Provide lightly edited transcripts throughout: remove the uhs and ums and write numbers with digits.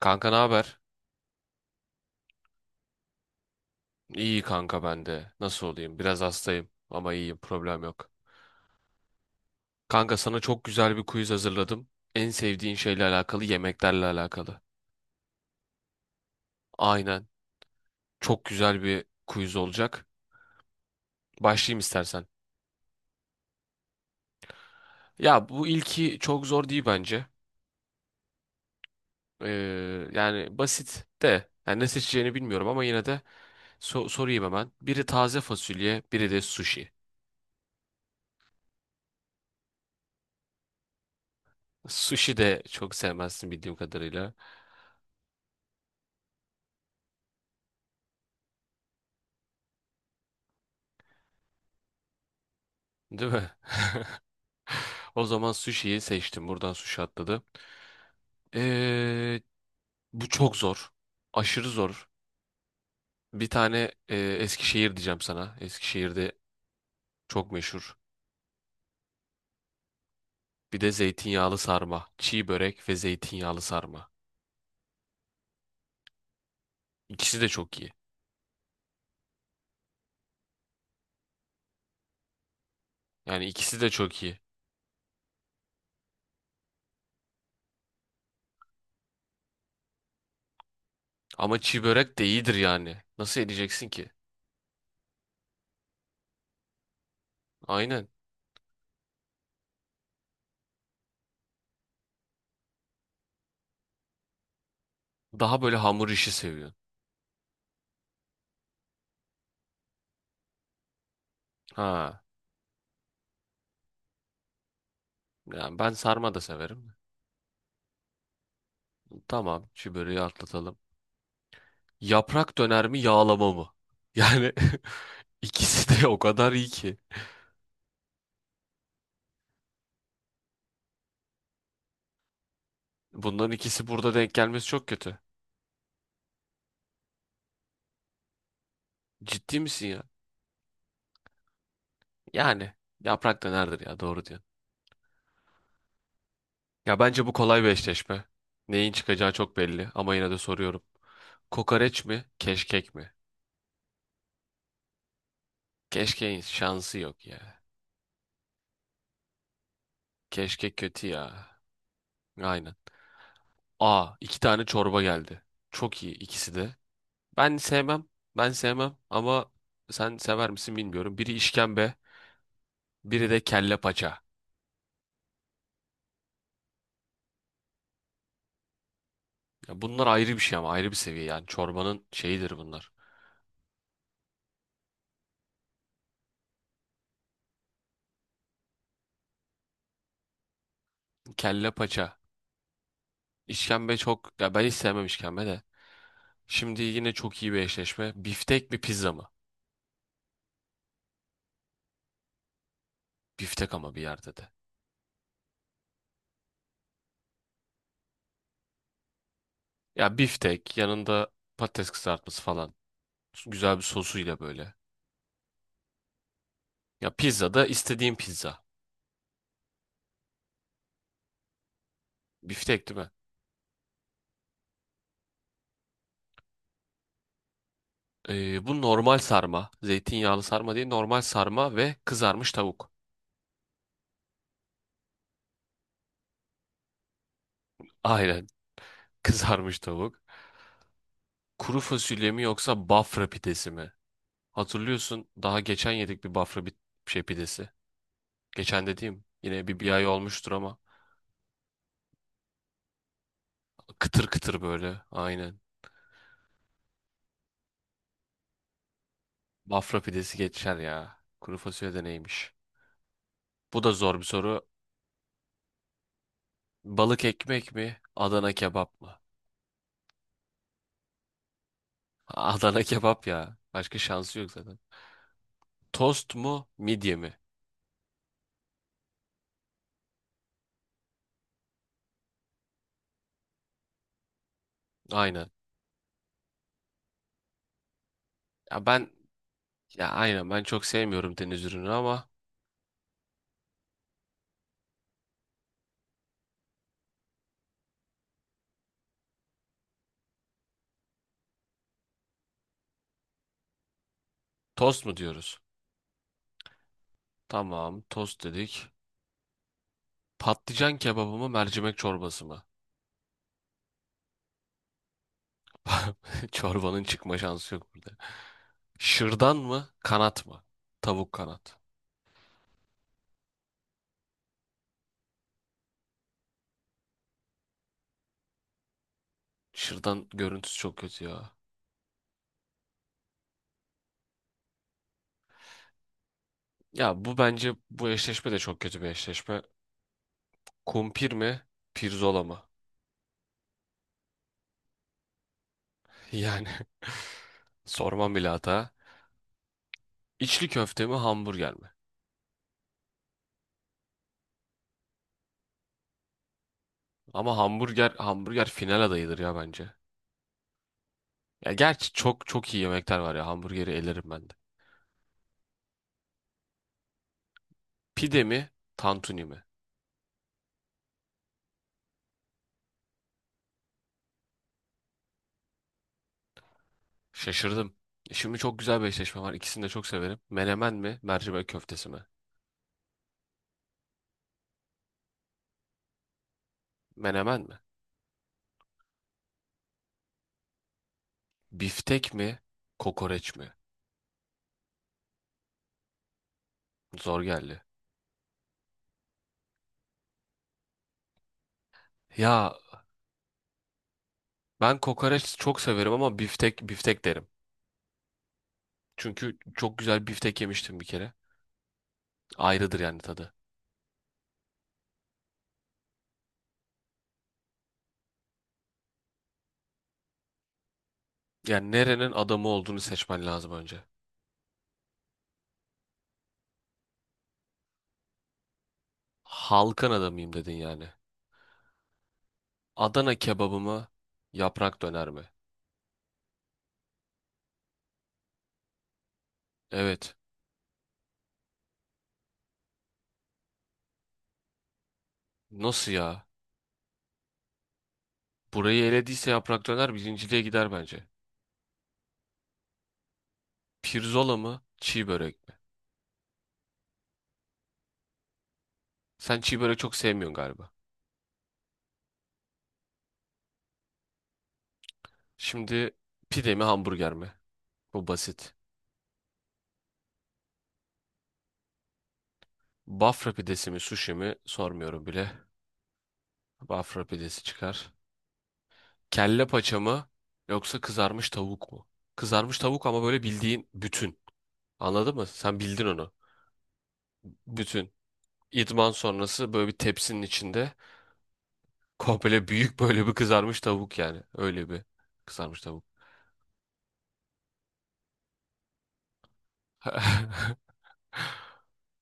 Kanka ne haber? İyi kanka ben de. Nasıl olayım? Biraz hastayım ama iyiyim. Problem yok. Kanka sana çok güzel bir quiz hazırladım. En sevdiğin şeyle alakalı, yemeklerle alakalı. Aynen. Çok güzel bir quiz olacak. Başlayayım istersen. Ya bu ilki çok zor değil bence. Ee, Yani basit de. Yani ne seçeceğini bilmiyorum ama yine de sorayım hemen. Biri taze fasulye, biri de sushi. Sushi de çok sevmezsin bildiğim kadarıyla. Değil mi? O zaman sushi'yi seçtim. Buradan sushi atladı. Ee, Bu çok zor. Aşırı zor. Bir tane Eskişehir diyeceğim sana. Eskişehir'de çok meşhur. Bir de zeytinyağlı sarma. Çiğ börek ve zeytinyağlı sarma. İkisi de çok iyi. Yani ikisi de çok iyi. Ama çiğ börek de iyidir yani. Nasıl edeceksin ki? Aynen. Daha böyle hamur işi seviyorsun. Ha. Yani ben sarma da severim. Tamam, çiğ böreği atlatalım. Yaprak döner mi, yağlama mı? Yani İkisi de o kadar iyi ki. Bunların ikisi burada denk gelmesi çok kötü. Ciddi misin ya? Yani yaprak dönerdir ya doğru diyorsun. Ya bence bu kolay bir eşleşme. Neyin çıkacağı çok belli ama yine de soruyorum. Kokoreç mi? Keşkek mi? Keşkeğin şansı yok ya. Keşkek kötü ya. Aynen. Aa iki tane çorba geldi. Çok iyi ikisi de. Ben sevmem. Ben sevmem ama sen sever misin bilmiyorum. Biri işkembe, biri de kelle paça. Ya bunlar ayrı bir şey ama ayrı bir seviye yani çorbanın şeyidir bunlar. Kelle paça. İşkembe çok ya ben hiç sevmem işkembe de. Şimdi yine çok iyi bir eşleşme. Biftek mi pizza mı? Biftek ama bir yerde de. Ya biftek yanında patates kızartması falan. Güzel bir sosuyla böyle. Ya pizza da istediğim pizza. Biftek değil mi? Bu normal sarma. Zeytinyağlı sarma değil normal sarma ve kızarmış tavuk. Aynen kızarmış tavuk. Kuru fasulye mi yoksa Bafra pidesi mi? Hatırlıyorsun daha geçen yedik bir Bafra bir şey pidesi. Geçen dediğim yine bir ay olmuştur ama kıtır kıtır böyle aynen. Bafra pidesi geçer ya. Kuru fasulye de neymiş? Bu da zor bir soru. Balık ekmek mi? Adana kebap mı? Adana kebap ya. Başka şansı yok zaten. Tost mu? Midye mi? Aynen. Ya, ya aynen ben çok sevmiyorum deniz ürünü ama tost mu diyoruz? Tamam tost dedik. Patlıcan kebabı mı mercimek çorbası mı? Çorbanın çıkma şansı yok burada. Şırdan mı? Kanat mı? Tavuk kanat. Şırdan görüntüsü çok kötü ya. Ya bu bence bu eşleşme de çok kötü bir eşleşme. Kumpir mi? Pirzola mı? Yani sormam bile hata. İçli köfte mi? Hamburger mi? Ama hamburger hamburger final adayıdır ya bence. Ya gerçi çok çok iyi yemekler var ya. Hamburgeri elerim ben de. Pide mi? Tantuni mi? Şaşırdım. Şimdi çok güzel bir eşleşme var. İkisini de çok severim. Menemen mi? Mercimek köftesi mi? Menemen mi? Biftek mi? Kokoreç mi? Zor geldi. Ya ben kokoreç çok severim ama biftek biftek derim. Çünkü çok güzel biftek yemiştim bir kere. Ayrıdır yani tadı. Yani nerenin adamı olduğunu seçmen lazım önce. Halkın adamıyım dedin yani. Adana kebabı mı? Yaprak döner mi? Evet. Nasıl ya? Burayı elediyse yaprak döner birinciliğe gider bence. Pirzola mı? Çiğ börek mi? Sen çiğ börek çok sevmiyorsun galiba. Şimdi pide mi hamburger mi? Bu basit. Bafra pidesi mi sushi mi sormuyorum bile. Bafra pidesi çıkar. Kelle paça mı yoksa kızarmış tavuk mu? Kızarmış tavuk ama böyle bildiğin bütün. Anladın mı? Sen bildin onu. Bütün. İdman sonrası böyle bir tepsinin içinde komple büyük böyle bir kızarmış tavuk yani. Öyle bir kızarmış tavuk.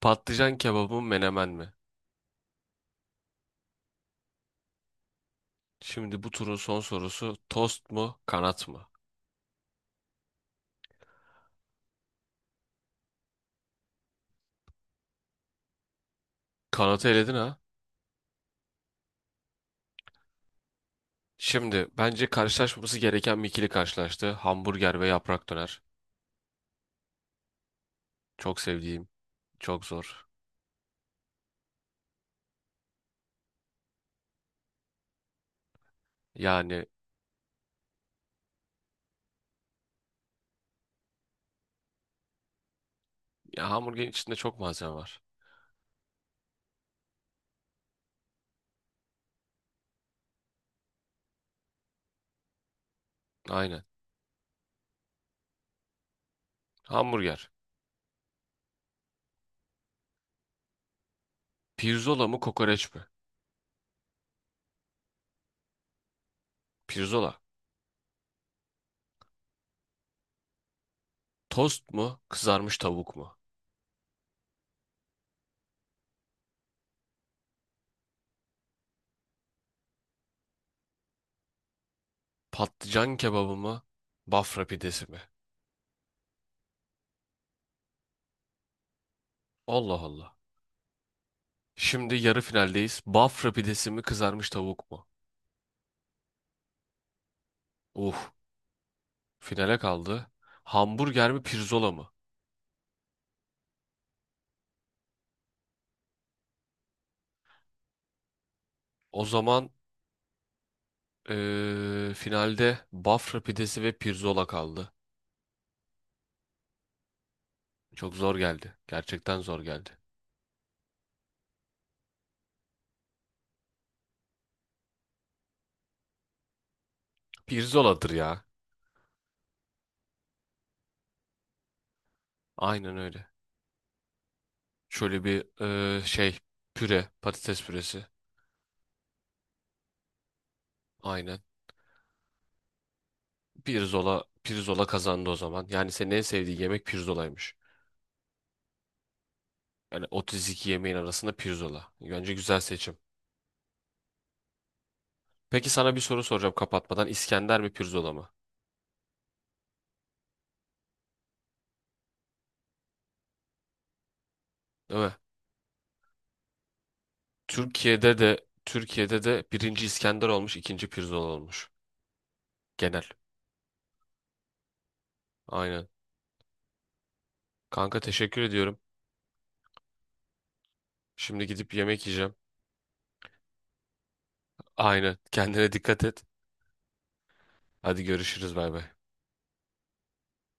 Patlıcan kebabı mı menemen mi? Şimdi bu turun son sorusu tost mu kanat mı? Kanatı eledin ha. Şimdi bence karşılaşmaması gereken bir ikili karşılaştı. Hamburger ve yaprak döner. Çok sevdiğim, çok zor. Yani ya hamburgerin içinde çok malzeme var. Aynen. Hamburger. Pirzola mı kokoreç mi? Pirzola. Tost mu? Kızarmış tavuk mu? Patlıcan kebabı mı? Bafra pidesi mi? Allah Allah. Şimdi yarı finaldeyiz. Bafra pidesi mi kızarmış tavuk mu? Uh. Finale kaldı. Hamburger mi pirzola mı? O zaman finalde Bafra pidesi ve pirzola kaldı. Çok zor geldi. Gerçekten zor geldi. Pirzoladır ya. Aynen öyle. Şöyle bir püre, patates püresi. Aynen. Pirzola, pirzola kazandı o zaman. Yani senin en sevdiğin yemek pirzolaymış. Yani 32 yemeğin arasında pirzola. Bence güzel seçim. Peki sana bir soru soracağım kapatmadan. İskender mi pirzola mı? Değil mi? Türkiye'de de Türkiye'de de birinci İskender olmuş, ikinci pirzola olmuş. Genel. Aynen. Kanka teşekkür ediyorum. Şimdi gidip yemek yiyeceğim. Aynen. Kendine dikkat et. Hadi görüşürüz bay bay.